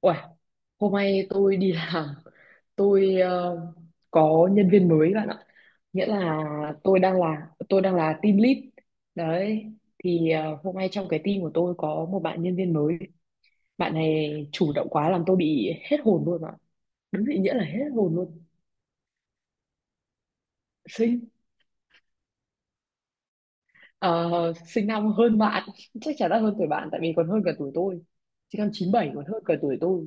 Uầy, hôm nay tôi đi làm tôi ờ, có nhân viên mới bạn ạ. Nghĩa là tôi đang là team lead đấy. Thì hôm nay trong cái team của tôi có một bạn nhân viên mới, bạn này chủ động quá làm tôi bị hết hồn luôn ạ. Đúng định nghĩa là hết hồn luôn. Sinh. ờ, Sinh năm hơn bạn chắc chắn là hơn tuổi bạn, tại vì còn hơn cả tuổi tôi. Sinh năm 97, còn hơn cả tuổi tôi.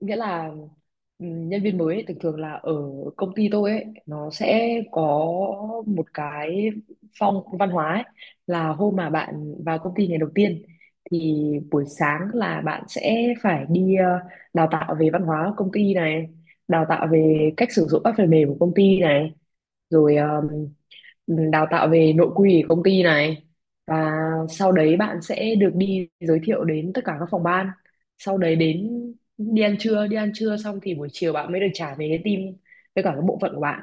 Nghĩa là ừ, nhân viên mới ấy, thường thường là ở công ty tôi ấy, nó sẽ có một cái phong văn hóa ấy, là hôm mà bạn vào công ty ngày đầu tiên thì buổi sáng là bạn sẽ phải đi đào tạo về văn hóa công ty này, đào tạo về cách sử dụng các phần mềm của công ty này, rồi đào tạo về nội quy của công ty này. Và sau đấy bạn sẽ được đi giới thiệu đến tất cả các phòng ban, sau đấy đến đi ăn trưa. Đi ăn trưa xong thì buổi chiều bạn mới được trả về cái team với cả cái bộ phận của bạn.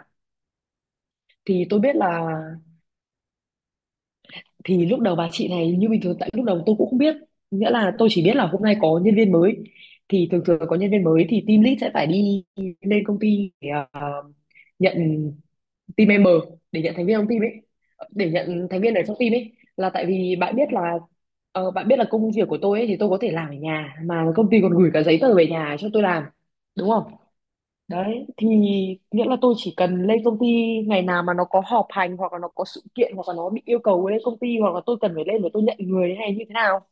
Thì tôi biết là, thì lúc đầu bà chị này như bình thường, tại lúc đầu tôi cũng không biết. Nghĩa là tôi chỉ biết là hôm nay có nhân viên mới, thì thường thường có nhân viên mới thì team lead sẽ phải đi lên công ty để nhận team member, để nhận thành viên trong team ấy, để nhận thành viên ở trong team ấy. Là tại vì bạn biết là bạn biết là công việc của tôi ấy thì tôi có thể làm ở nhà, mà công ty còn gửi cả giấy tờ về nhà cho tôi làm, đúng không. Đấy thì nghĩa là tôi chỉ cần lên công ty ngày nào mà nó có họp hành, hoặc là nó có sự kiện, hoặc là nó bị yêu cầu lên công ty, hoặc là tôi cần phải lên để tôi nhận người thế này như thế nào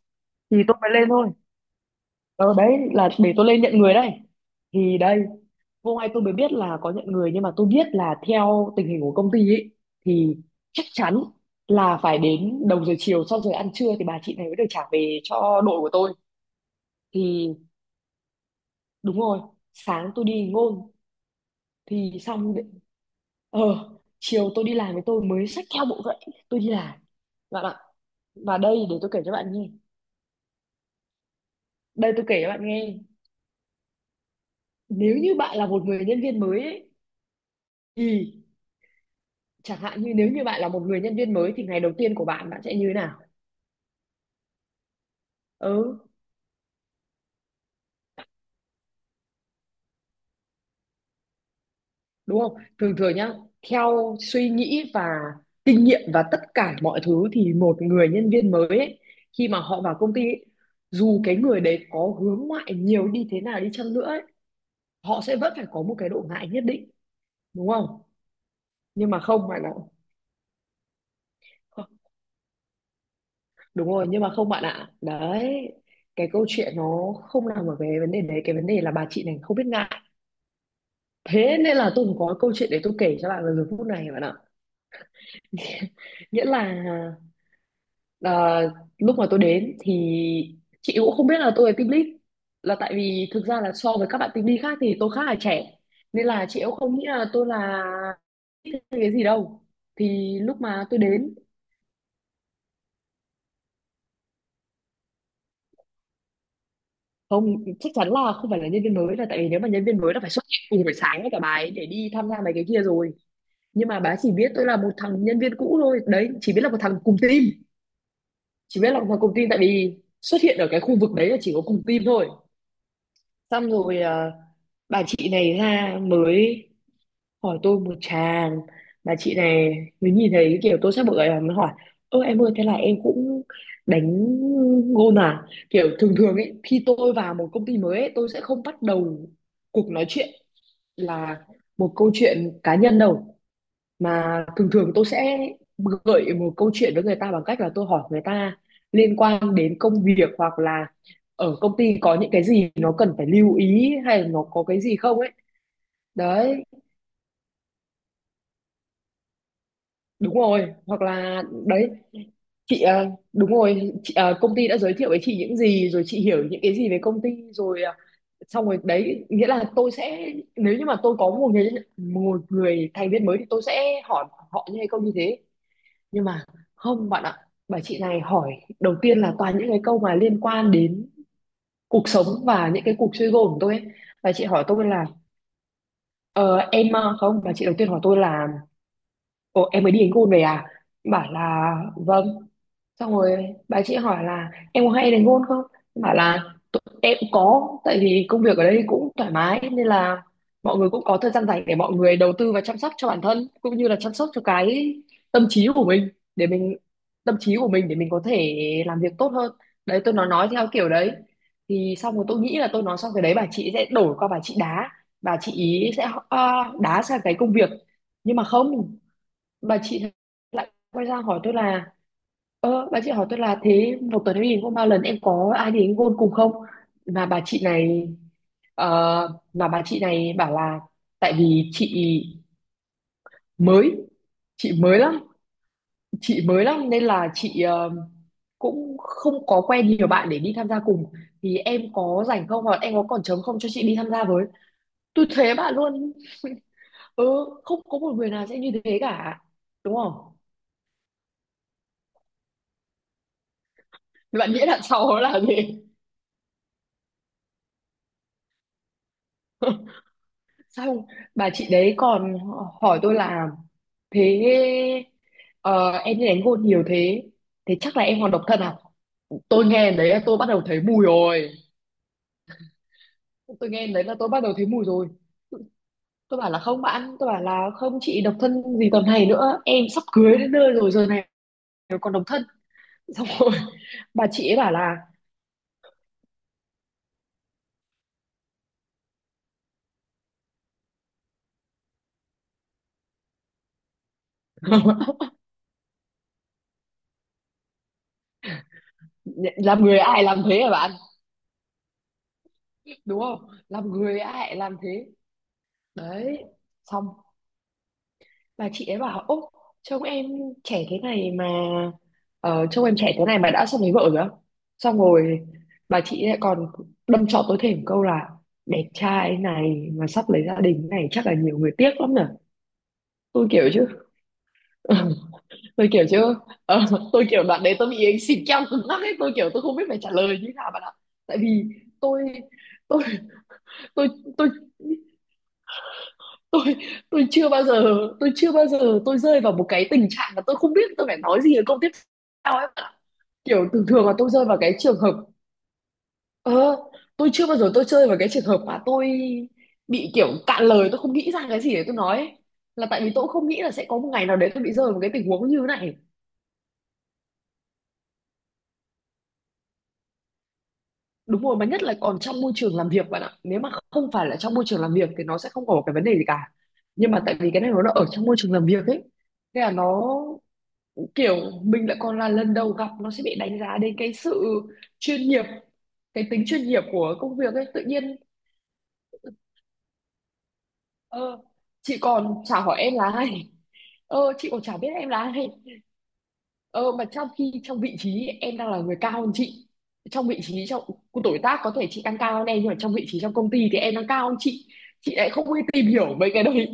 thì tôi mới lên thôi. Ờ đấy, là để tôi lên nhận người đây. Thì đây, hôm nay tôi mới biết là có nhận người, nhưng mà tôi biết là theo tình hình của công ty ấy thì chắc chắn là phải đến đầu giờ chiều sau giờ ăn trưa thì bà chị này mới được trả về cho đội của tôi. Thì đúng rồi, sáng tôi đi ngôn. Thì xong đ- ờ Chiều tôi đi làm với tôi mới xách theo bộ vậy, tôi đi làm, bạn ạ. Và đây, để tôi kể cho bạn nghe, đây tôi kể cho bạn nghe. Nếu như bạn là một người nhân viên mới ấy, thì chẳng hạn như nếu như bạn là một người nhân viên mới thì ngày đầu tiên của bạn, bạn sẽ như thế nào. Ừ, đúng không, thường thường nhá, theo suy nghĩ và kinh nghiệm và tất cả mọi thứ thì một người nhân viên mới ấy, khi mà họ vào công ty ấy, dù cái người đấy có hướng ngoại nhiều đi thế nào đi chăng nữa ấy, họ sẽ vẫn phải có một cái độ ngại nhất định, đúng không. Nhưng mà không bạn ạ. Đúng rồi, nhưng mà không bạn ạ, đấy. Cái câu chuyện nó không nằm ở cái vấn đề đấy, cái vấn đề là bà chị này không biết ngại. Thế nên là tôi cũng có câu chuyện để tôi kể cho bạn vào giờ phút này, bạn ạ. Nghĩa là à, lúc mà tôi đến thì chị cũng không biết là tôi là team lead, là tại vì thực ra là so với các bạn team lead khác thì tôi khá là trẻ, nên là chị cũng không nghĩ là tôi là lead hay cái gì đâu. Thì lúc mà tôi đến, không, chắc chắn là không phải là nhân viên mới, là tại vì nếu mà nhân viên mới là phải xuất hiện cùng buổi sáng với cả bà ấy để đi tham gia mấy cái kia rồi. Nhưng mà bà ấy chỉ biết tôi là một thằng nhân viên cũ thôi, đấy, chỉ biết là một thằng cùng team, chỉ biết là thằng cùng team, tại vì xuất hiện ở cái khu vực đấy là chỉ có cùng team thôi. Xong rồi à, bà chị này ra mới hỏi tôi một tràng. Bà chị này mới nhìn thấy kiểu tôi sắp bực rồi mới hỏi: ơ em ơi, thế là em cũng đánh gôn à. Kiểu thường thường ấy, khi tôi vào một công ty mới ấy, tôi sẽ không bắt đầu cuộc nói chuyện là một câu chuyện cá nhân đâu, mà thường thường tôi sẽ gợi một câu chuyện với người ta bằng cách là tôi hỏi người ta liên quan đến công việc, hoặc là ở công ty có những cái gì nó cần phải lưu ý, hay là nó có cái gì không ấy. Đấy, đúng rồi, hoặc là đấy, chị à, đúng rồi chị, à, công ty đã giới thiệu với chị những gì rồi, chị hiểu những cái gì về công ty rồi, à, xong rồi đấy. Nghĩa là tôi sẽ, nếu như mà tôi có một người, một người thành viên mới thì tôi sẽ hỏi họ như hay không như thế. Nhưng mà không bạn ạ, bà chị này hỏi đầu tiên là toàn những cái câu mà liên quan đến cuộc sống và những cái cuộc chơi gôn của tôi ấy. Bà chị hỏi tôi là không, bà chị đầu tiên hỏi tôi là: Ồ, em mới đi đánh gôn về à? Bảo là vâng. Xong rồi bà chị hỏi là em có hay đánh gôn không? Em bảo là: "Tụi em cũng có, tại vì công việc ở đây cũng thoải mái nên là mọi người cũng có thời gian rảnh để mọi người đầu tư và chăm sóc cho bản thân, cũng như là chăm sóc cho cái tâm trí của mình, để mình tâm trí của mình để mình có thể làm việc tốt hơn." Đấy, tôi nói theo kiểu đấy. Thì xong rồi tôi nghĩ là tôi nói xong cái đấy bà chị sẽ đổi qua, bà chị đá, bà chị ý sẽ đá sang cái công việc, nhưng mà không, bà chị lại quay ra hỏi tôi là: ơ, bà chị hỏi tôi là thế một tuần em đi có bao lần, em có ai đến gôn cùng không. Mà bà chị này ờ, mà bà chị này bảo là, tại vì chị mới, chị mới lắm, chị mới lắm nên là chị cũng không có quen nhiều bạn để đi tham gia cùng, thì em có rảnh không, hoặc em có còn trống không cho chị đi tham gia với. Tôi thế bạn luôn. Ừ, không có một người nào sẽ như thế cả, đúng không. Bạn nghĩ đằng sau nó là gì. Xong bà chị đấy còn hỏi tôi là: thế ờ, em đi đánh gôn nhiều thế, thế chắc là em còn độc thân à. Tôi nghe đấy là tôi bắt đầu thấy mùi rồi. Tôi nghe đấy là tôi bắt đầu thấy mùi rồi. Tôi bảo là không bạn, tôi bảo là: không chị, độc thân gì tầm này nữa, em sắp cưới đến nơi rồi, giờ này còn độc thân. Xong rồi bà chị ấy bảo là làm người ai làm thế hả bạn, đúng không, làm người ai làm thế. Đấy, xong, và chị ấy bảo: ô, trông em trẻ thế này mà, trông em trẻ thế này mà đã xong lấy vợ rồi á? Xong rồi bà chị lại còn đâm chọc tôi thêm một câu là: đẹp trai này mà sắp lấy gia đình này chắc là nhiều người tiếc lắm nhỉ. Tôi kiểu chứ tôi kiểu chứ ờ, tôi kiểu đoạn đấy tôi bị anh xịt keo cứng ngắc ấy, tôi kiểu tôi không biết phải trả lời như thế nào bạn ạ. Tại vì tôi tôi tôi tôi tôi tôi chưa bao giờ, tôi chưa bao giờ tôi rơi vào một cái tình trạng mà tôi không biết tôi phải nói gì ở câu tiếp theo ấy, bạn ạ. Kiểu thường thường là tôi rơi vào cái trường hợp ờ, tôi chưa bao giờ tôi rơi vào cái trường hợp mà tôi bị kiểu cạn lời, tôi không nghĩ ra cái gì để tôi nói ấy. Là tại vì tôi cũng không nghĩ là sẽ có một ngày nào đấy tôi bị rơi vào một cái tình huống như thế này. Đúng rồi, mà nhất là còn trong môi trường làm việc, bạn ạ. Nếu mà không phải là trong môi trường làm việc thì nó sẽ không có một cái vấn đề gì cả, nhưng mà tại vì cái này nó là ở trong môi trường làm việc ấy, thế là nó kiểu mình lại còn là lần đầu gặp, nó sẽ bị đánh giá đến cái sự chuyên nghiệp, cái tính chuyên nghiệp của công việc ấy tự nhiên. ờ, chị còn chả hỏi em là ai. Chị còn chả biết em là ai. Ờ, mà trong khi trong vị trí em đang là người cao hơn chị, trong vị trí, trong tuổi tác có thể chị đang cao hơn em, nhưng mà trong vị trí trong công ty thì em đang cao hơn chị. Chị lại không đi tìm hiểu mấy cái đấy.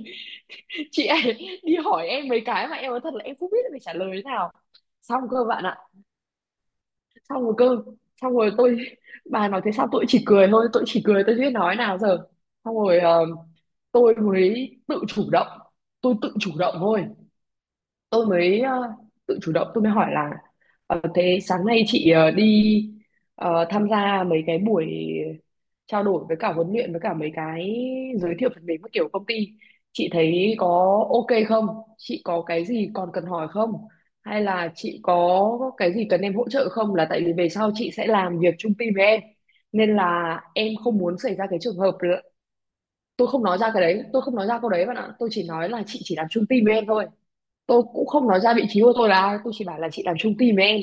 Chị lại đi hỏi em mấy cái mà em nói thật là em không biết phải trả lời thế nào. Xong cơ, bạn ạ. Xong rồi cơ. Xong rồi bà nói thế, sao tôi chỉ cười thôi, tôi chỉ cười, tôi chưa biết nói nào giờ. Xong rồi tôi mới tự chủ động, tôi tự chủ động thôi, tôi mới tự chủ động, tôi mới hỏi là thế sáng nay chị đi tham gia mấy cái buổi trao đổi với cả huấn luyện, với cả mấy cái giới thiệu phần mềm các kiểu công ty, chị thấy có ok không, chị có cái gì còn cần hỏi không, hay là chị có cái gì cần em hỗ trợ không, là tại vì về sau chị sẽ làm việc chung team với em, nên là em không muốn xảy ra cái trường hợp là- Tôi không nói ra cái đấy, tôi không nói ra câu đấy, bạn ạ. Tôi chỉ nói là chị chỉ làm chung team với em thôi. Tôi cũng không nói ra vị trí của tôi là ai, tôi chỉ bảo là chị làm chung team với em,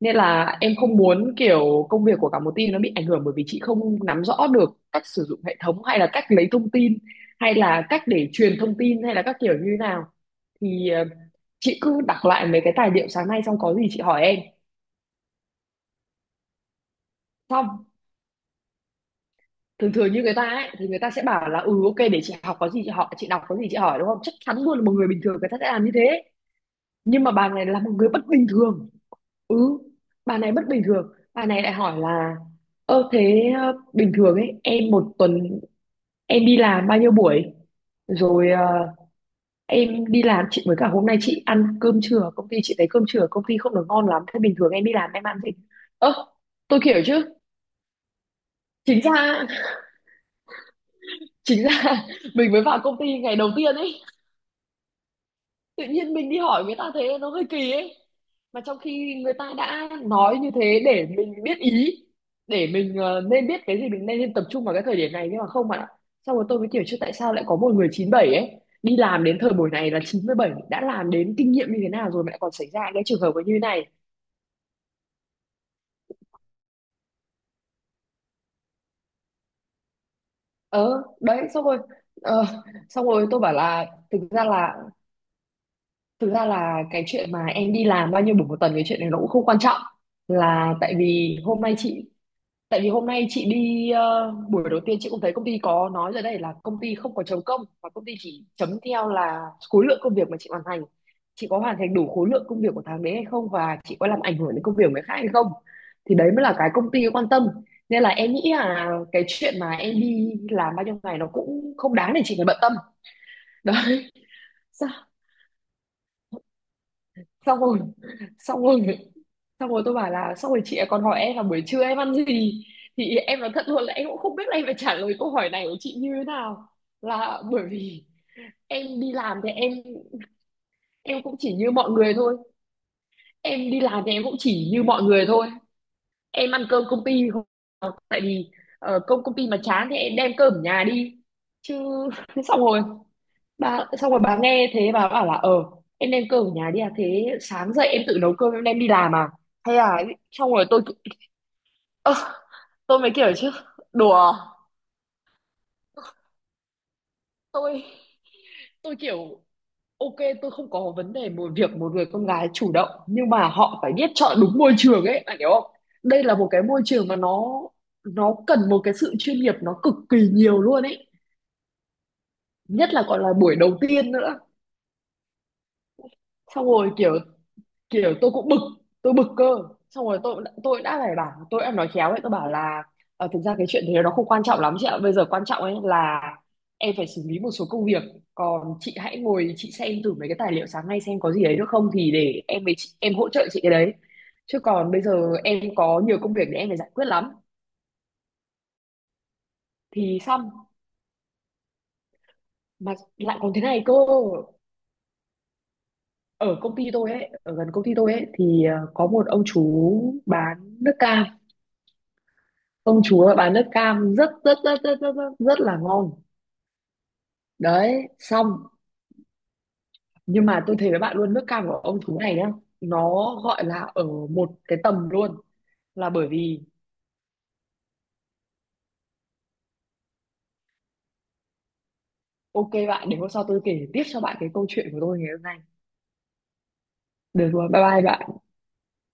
nên là em không muốn kiểu công việc của cả một team nó bị ảnh hưởng bởi vì chị không nắm rõ được cách sử dụng hệ thống, hay là cách lấy thông tin, hay là cách để truyền thông tin, hay là các kiểu như thế nào. Thì chị cứ đọc lại mấy cái tài liệu sáng nay, xong có gì chị hỏi em. Xong, thường thường như người ta ấy thì người ta sẽ bảo là ừ ok để chị học, có gì chị hỏi, chị đọc có gì chị hỏi, đúng không, chắc chắn luôn là một người bình thường, người ta sẽ làm như thế. Nhưng mà bà này là một người bất bình thường. Ừ, bà này bất bình thường. Bà này lại hỏi là ơ thế bình thường ấy, em một tuần em đi làm bao nhiêu buổi? Rồi em đi làm, chị với cả hôm nay chị ăn cơm trưa ở công ty, chị thấy cơm trưa ở công ty không được ngon lắm, thế bình thường em đi làm em ăn gì. Ơ. Tôi kiểu chứ, chính ra, chính ra mình mới vào công ty ngày đầu tiên ấy, tự nhiên mình đi hỏi người ta thế nó hơi kỳ ấy, mà trong khi người ta đã nói như thế để mình biết ý, để mình nên biết cái gì mình nên tập trung vào cái thời điểm này, nhưng mà không, bạn ạ. Xong rồi tôi mới kiểu chứ, tại sao lại có một người 97 ấy đi làm đến thời buổi này, là 97 đã làm đến kinh nghiệm như thế nào rồi mà lại còn xảy ra cái trường hợp như thế này. Ờ đấy, xong rồi, ờ, xong rồi tôi bảo là, thực ra là, cái chuyện mà em đi làm bao nhiêu buổi một tuần, cái chuyện này nó cũng không quan trọng, là tại vì hôm nay tại vì hôm nay chị đi buổi đầu tiên, chị cũng thấy công ty có nói rồi, đây là công ty không có chấm công và công ty chỉ chấm theo là khối lượng công việc mà chị hoàn thành. Chị có hoàn thành đủ khối lượng công việc của tháng đấy hay không, và chị có làm ảnh hưởng đến công việc của người khác hay không. Thì đấy mới là cái công ty quan tâm. Nên là em nghĩ là cái chuyện mà em đi làm bao nhiêu ngày nó cũng không đáng để chị phải bận tâm. Đấy. Sao? Xong rồi. Xong rồi. Xong rồi tôi bảo là, xong rồi chị ấy còn hỏi em là buổi trưa em ăn gì, thì em nói thật luôn là em cũng không biết là em phải trả lời câu hỏi này của chị như thế nào, là bởi vì em đi làm thì em cũng chỉ như mọi người thôi. Em đi làm thì em cũng chỉ như mọi người thôi, em ăn cơm công ty, không tại vì công công ty mà chán thì em đem cơm ở nhà đi chứ. xong rồi Xong rồi bà nghe thế, bà bảo là ờ em đem cơm ở nhà đi à, thế sáng dậy em tự nấu cơm em đem đi làm à, hay là. Xong rồi ơ, tôi mới kiểu chứ, đùa, tôi tôi kiểu ok, tôi không có vấn đề một việc một người con gái chủ động, nhưng mà họ phải biết chọn đúng môi trường ấy, bạn hiểu không. Đây là một cái môi trường mà nó cần một cái sự chuyên nghiệp, nó cực kỳ nhiều luôn ấy, nhất là còn là buổi đầu tiên nữa. Xong rồi kiểu, tôi cũng bực, tôi bực cơ. Xong rồi tôi đã phải bảo, tôi đã nói khéo ấy, tôi bảo là thực ra cái chuyện thế nó không quan trọng lắm chị ạ, bây giờ quan trọng ấy là em phải xử lý một số công việc, còn chị hãy ngồi chị xem thử mấy cái tài liệu sáng nay xem có gì đấy được không, thì để em với chị, em hỗ trợ chị cái đấy, chứ còn bây giờ em có nhiều công việc để em phải giải quyết lắm. Thì xong. Mà lại còn thế này cơ, ở công ty tôi ấy, ở gần công ty tôi ấy thì có một ông chú bán nước cam, công chúa bán nước cam rất rất rất rất rất rất, rất là ngon. Đấy. Xong, nhưng mà tôi thấy với bạn luôn, nước cam của ông chú này nhá, nó gọi là ở một cái tầm luôn, là bởi vì ok bạn, để hôm sau tôi kể tiếp cho bạn cái câu chuyện của tôi ngày hôm nay. Được rồi, bye bye bạn.